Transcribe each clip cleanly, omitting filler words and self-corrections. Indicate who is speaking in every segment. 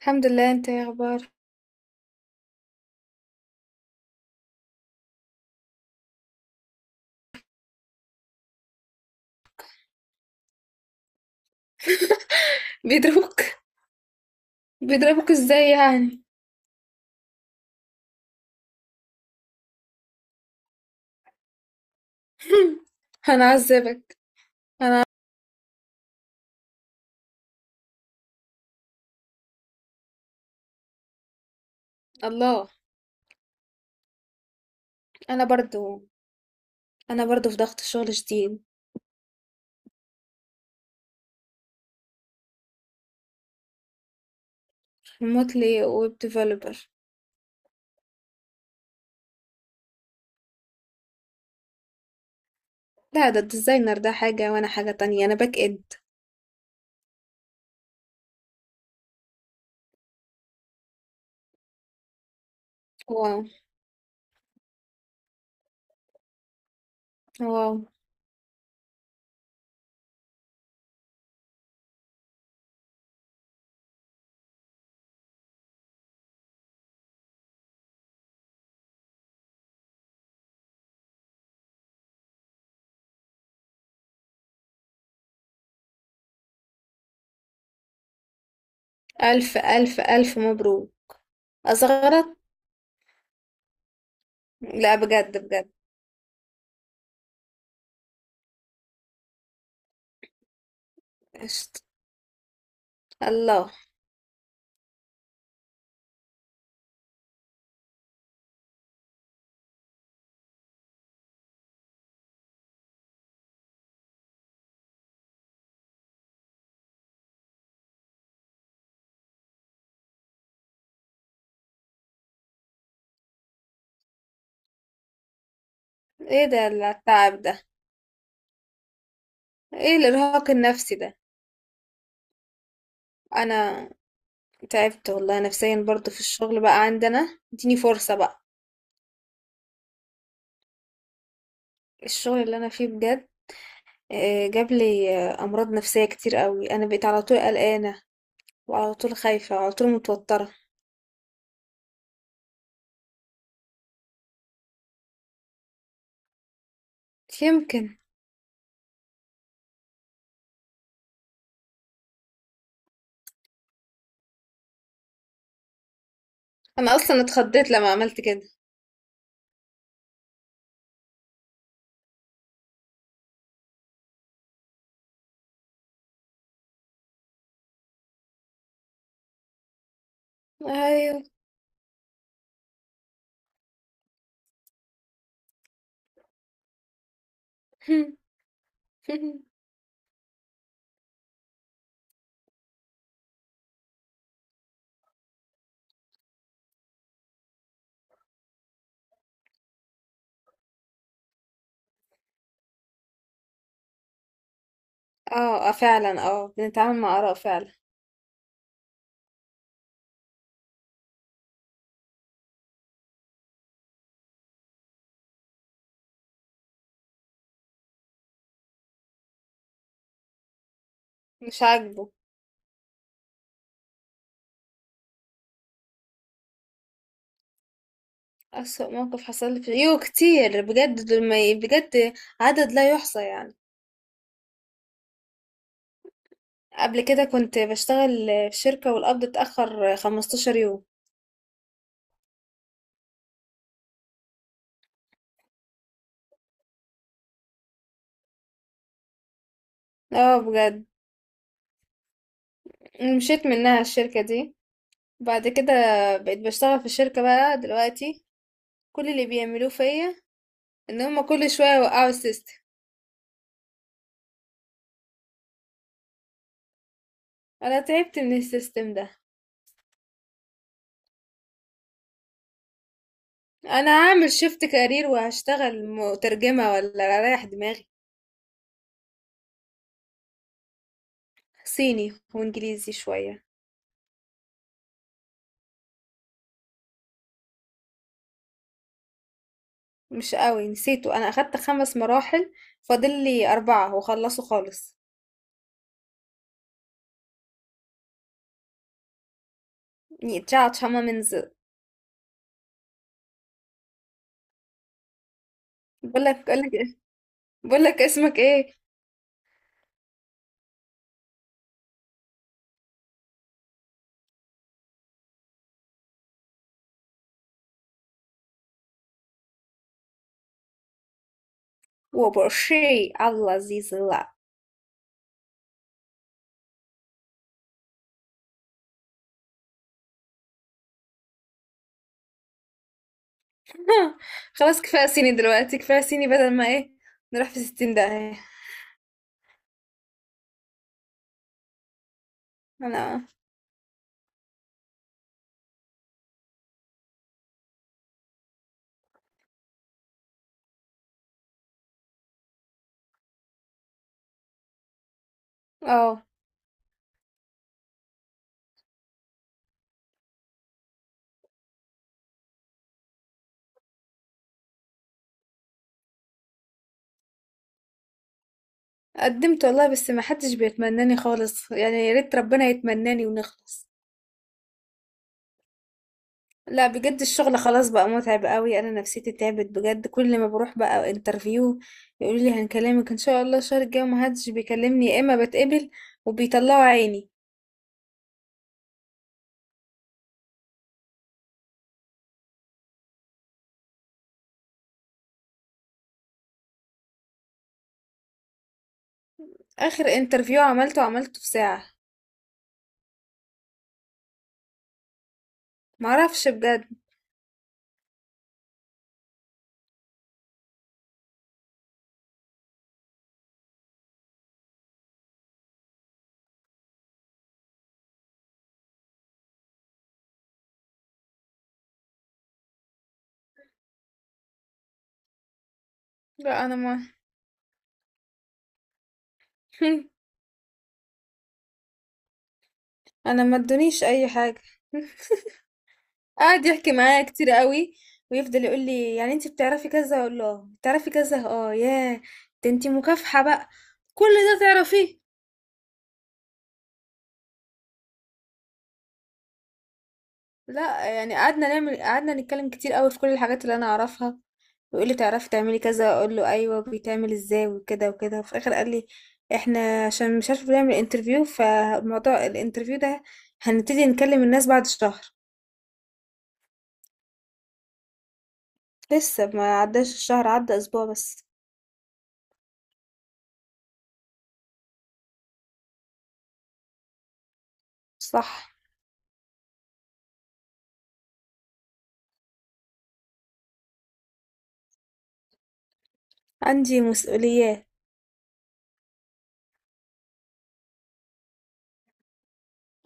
Speaker 1: الحمد لله. انت ايه اخبارك؟ بيضربوك؟ بيضربوك ازاي يعني؟ هنعذبك؟ الله. انا برضو انا برضو في ضغط شغل شديد. ريموتلي ويب ديفلوبر. لا، ده الديزاينر ده حاجة وانا حاجة تانية. انا باك اند. واو. واو. الف الف الف مبروك! اصغرت. لا، بجد بجد. قشطة. الله. ايه ده التعب ده؟ ايه الارهاق النفسي ده؟ انا تعبت والله نفسيا برضو في الشغل بقى عندنا. اديني فرصة بقى. الشغل اللي انا فيه بجد جاب لي امراض نفسيه كتير قوي. انا بقيت على طول قلقانه، وعلى طول خايفه، وعلى طول متوتره. يمكن. انا اصلا اتخضيت لما عملت كده. ايوه. اه، فعلا، اه، بنتعامل مع اراء فعلا. مش عاجبه. اسوأ موقف حصل لي في يو كتير بجد دول ما ي- بجد. عدد لا يحصى يعني. قبل كده كنت بشتغل في شركه والقبض اتاخر 15 يوم. اه، بجد. مشيت منها الشركه دي. بعد كده بقيت بشتغل في شركة بقى دلوقتي. كل اللي بيعملوه فيا ان هما كل شوية يوقعوا السيستم. انا تعبت من السيستم ده. انا هعمل شيفت كارير وهشتغل مترجمة ولا رايح دماغي. صيني وانجليزي شوية. مش قوي، نسيته. انا اخدت 5 مراحل، فاضل لي اربعة وخلصوا خالص. ني تشاتش هما منز. بقولك بقولك بقولك اسمك ايه؟ وبرشي الله عزيز. خلاص، كفاية صيني دلوقتي، كفاية صيني بدل ما ايه نروح في ستين داهية. انا اه قدمت والله، بس ما حدش بيتمناني خالص يعني، يا ريت ربنا يتمناني ونخلص. لا، بجد الشغل خلاص بقى متعب قوي. انا نفسيتي تعبت بجد. كل ما بروح بقى انترفيو يقولوا لي هنكلمك ان شاء الله الشهر الجاي، وما حدش بيكلمني يا اما بتقبل، وبيطلعوا عيني. اخر انترفيو عملته في ساعة. معرفش بجد. لا، انا ما انا ما ادونيش اي حاجة. قعد يحكي معايا كتير قوي. ويفضل يقول لي يعني انت بتعرفي كذا، اقول له بتعرفي كذا. اه، ياه، ده انت مكافحة بقى، كل ده تعرفيه. لا يعني قعدنا نتكلم كتير قوي في كل الحاجات اللي انا اعرفها. ويقول لي تعرفي تعملي كذا، اقول له ايوه بيتعمل ازاي وكده وكده. وفي الاخر قال لي: احنا عشان مش عارفه بنعمل انترفيو، فموضوع الانترفيو ده هنبتدي نكلم الناس بعد شهر. لسه ما عداش الشهر، عدى اسبوع بس. صح. عندي مسؤوليات.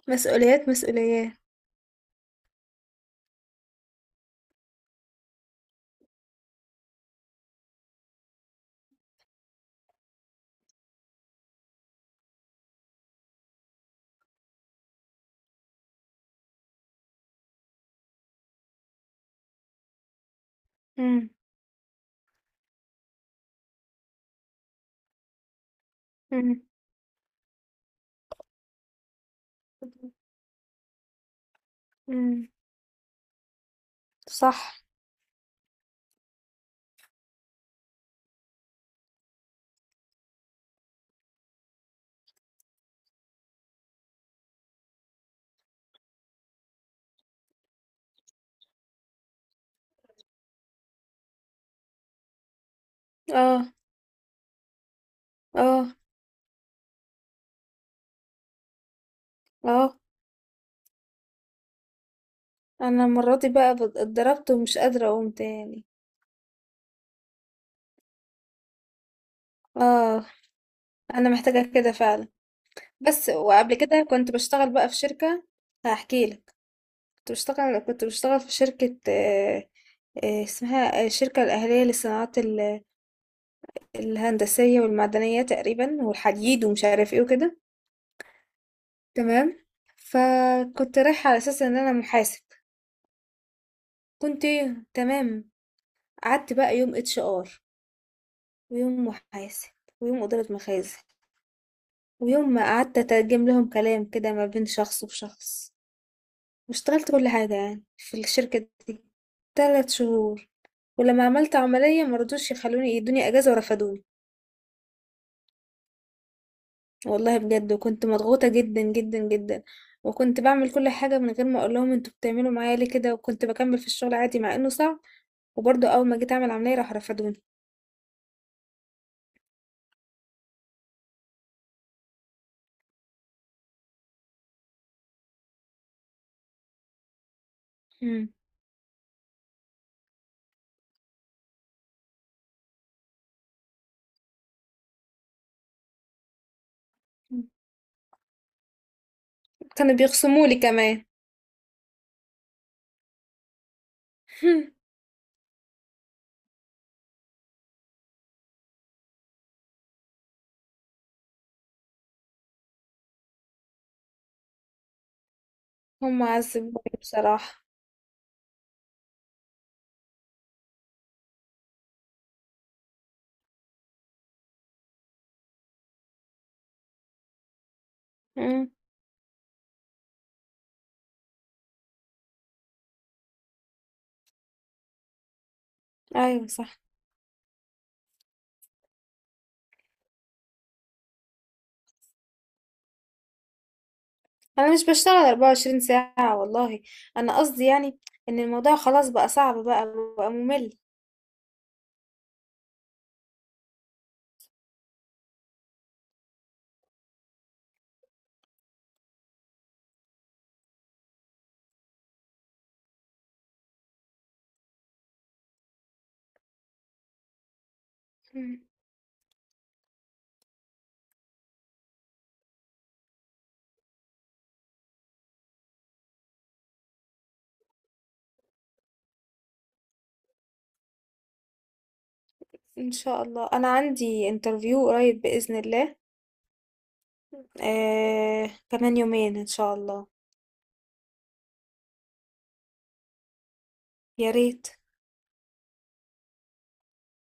Speaker 1: مسؤوليات مسؤوليات. إمم. إمم. إمم. صح. آه. آه. آه. أنا المرّة دي بقى اتضربت ومش قادرة أقوم تاني. آه. أنا محتاجة كده فعلًا. بس وقبل كده كنت باشتغل بقى في شركة. هاحكي لك. كنت باشتغل في شركة اسمها الشركة الأهلية للصناعات الهندسية والمعدنية تقريبًا، والحديد ومش عارف إيه وكده. تمام. فكنت رايحة على أساس إن أنا محاسب. كنت إيه؟ تمام. قعدت بقى يوم HR، ويوم محاسب، ويوم إدارة مخازن، ويوم ما قعدت أترجم لهم كلام كده ما بين شخص وشخص. واشتغلت كل حاجة يعني في الشركة دي 3 شهور. ولما عملت عملية مرضوش يخلوني يدوني أجازة، ورفضوني. والله بجد. وكنت مضغوطة جدا جدا جدا. وكنت بعمل كل حاجة من غير ما أقول لهم انتوا بتعملوا معايا ليه كده، وكنت بكمل في الشغل عادي مع إنه صعب. وبرضه أول ما جيت أعمل عملية راح رفضوني. مم. كانوا بيخصموا لي كمان. هم عذبوني بصراحة. امم. ايوه، صح. انا مش بشتغل 24 ساعة والله. انا قصدي يعني ان الموضوع خلاص بقى صعب، بقى ممل. مم. ان شاء الله، انا عندي انترفيو قريب بإذن الله. آه، كمان يومين ان شاء الله. يا ريت.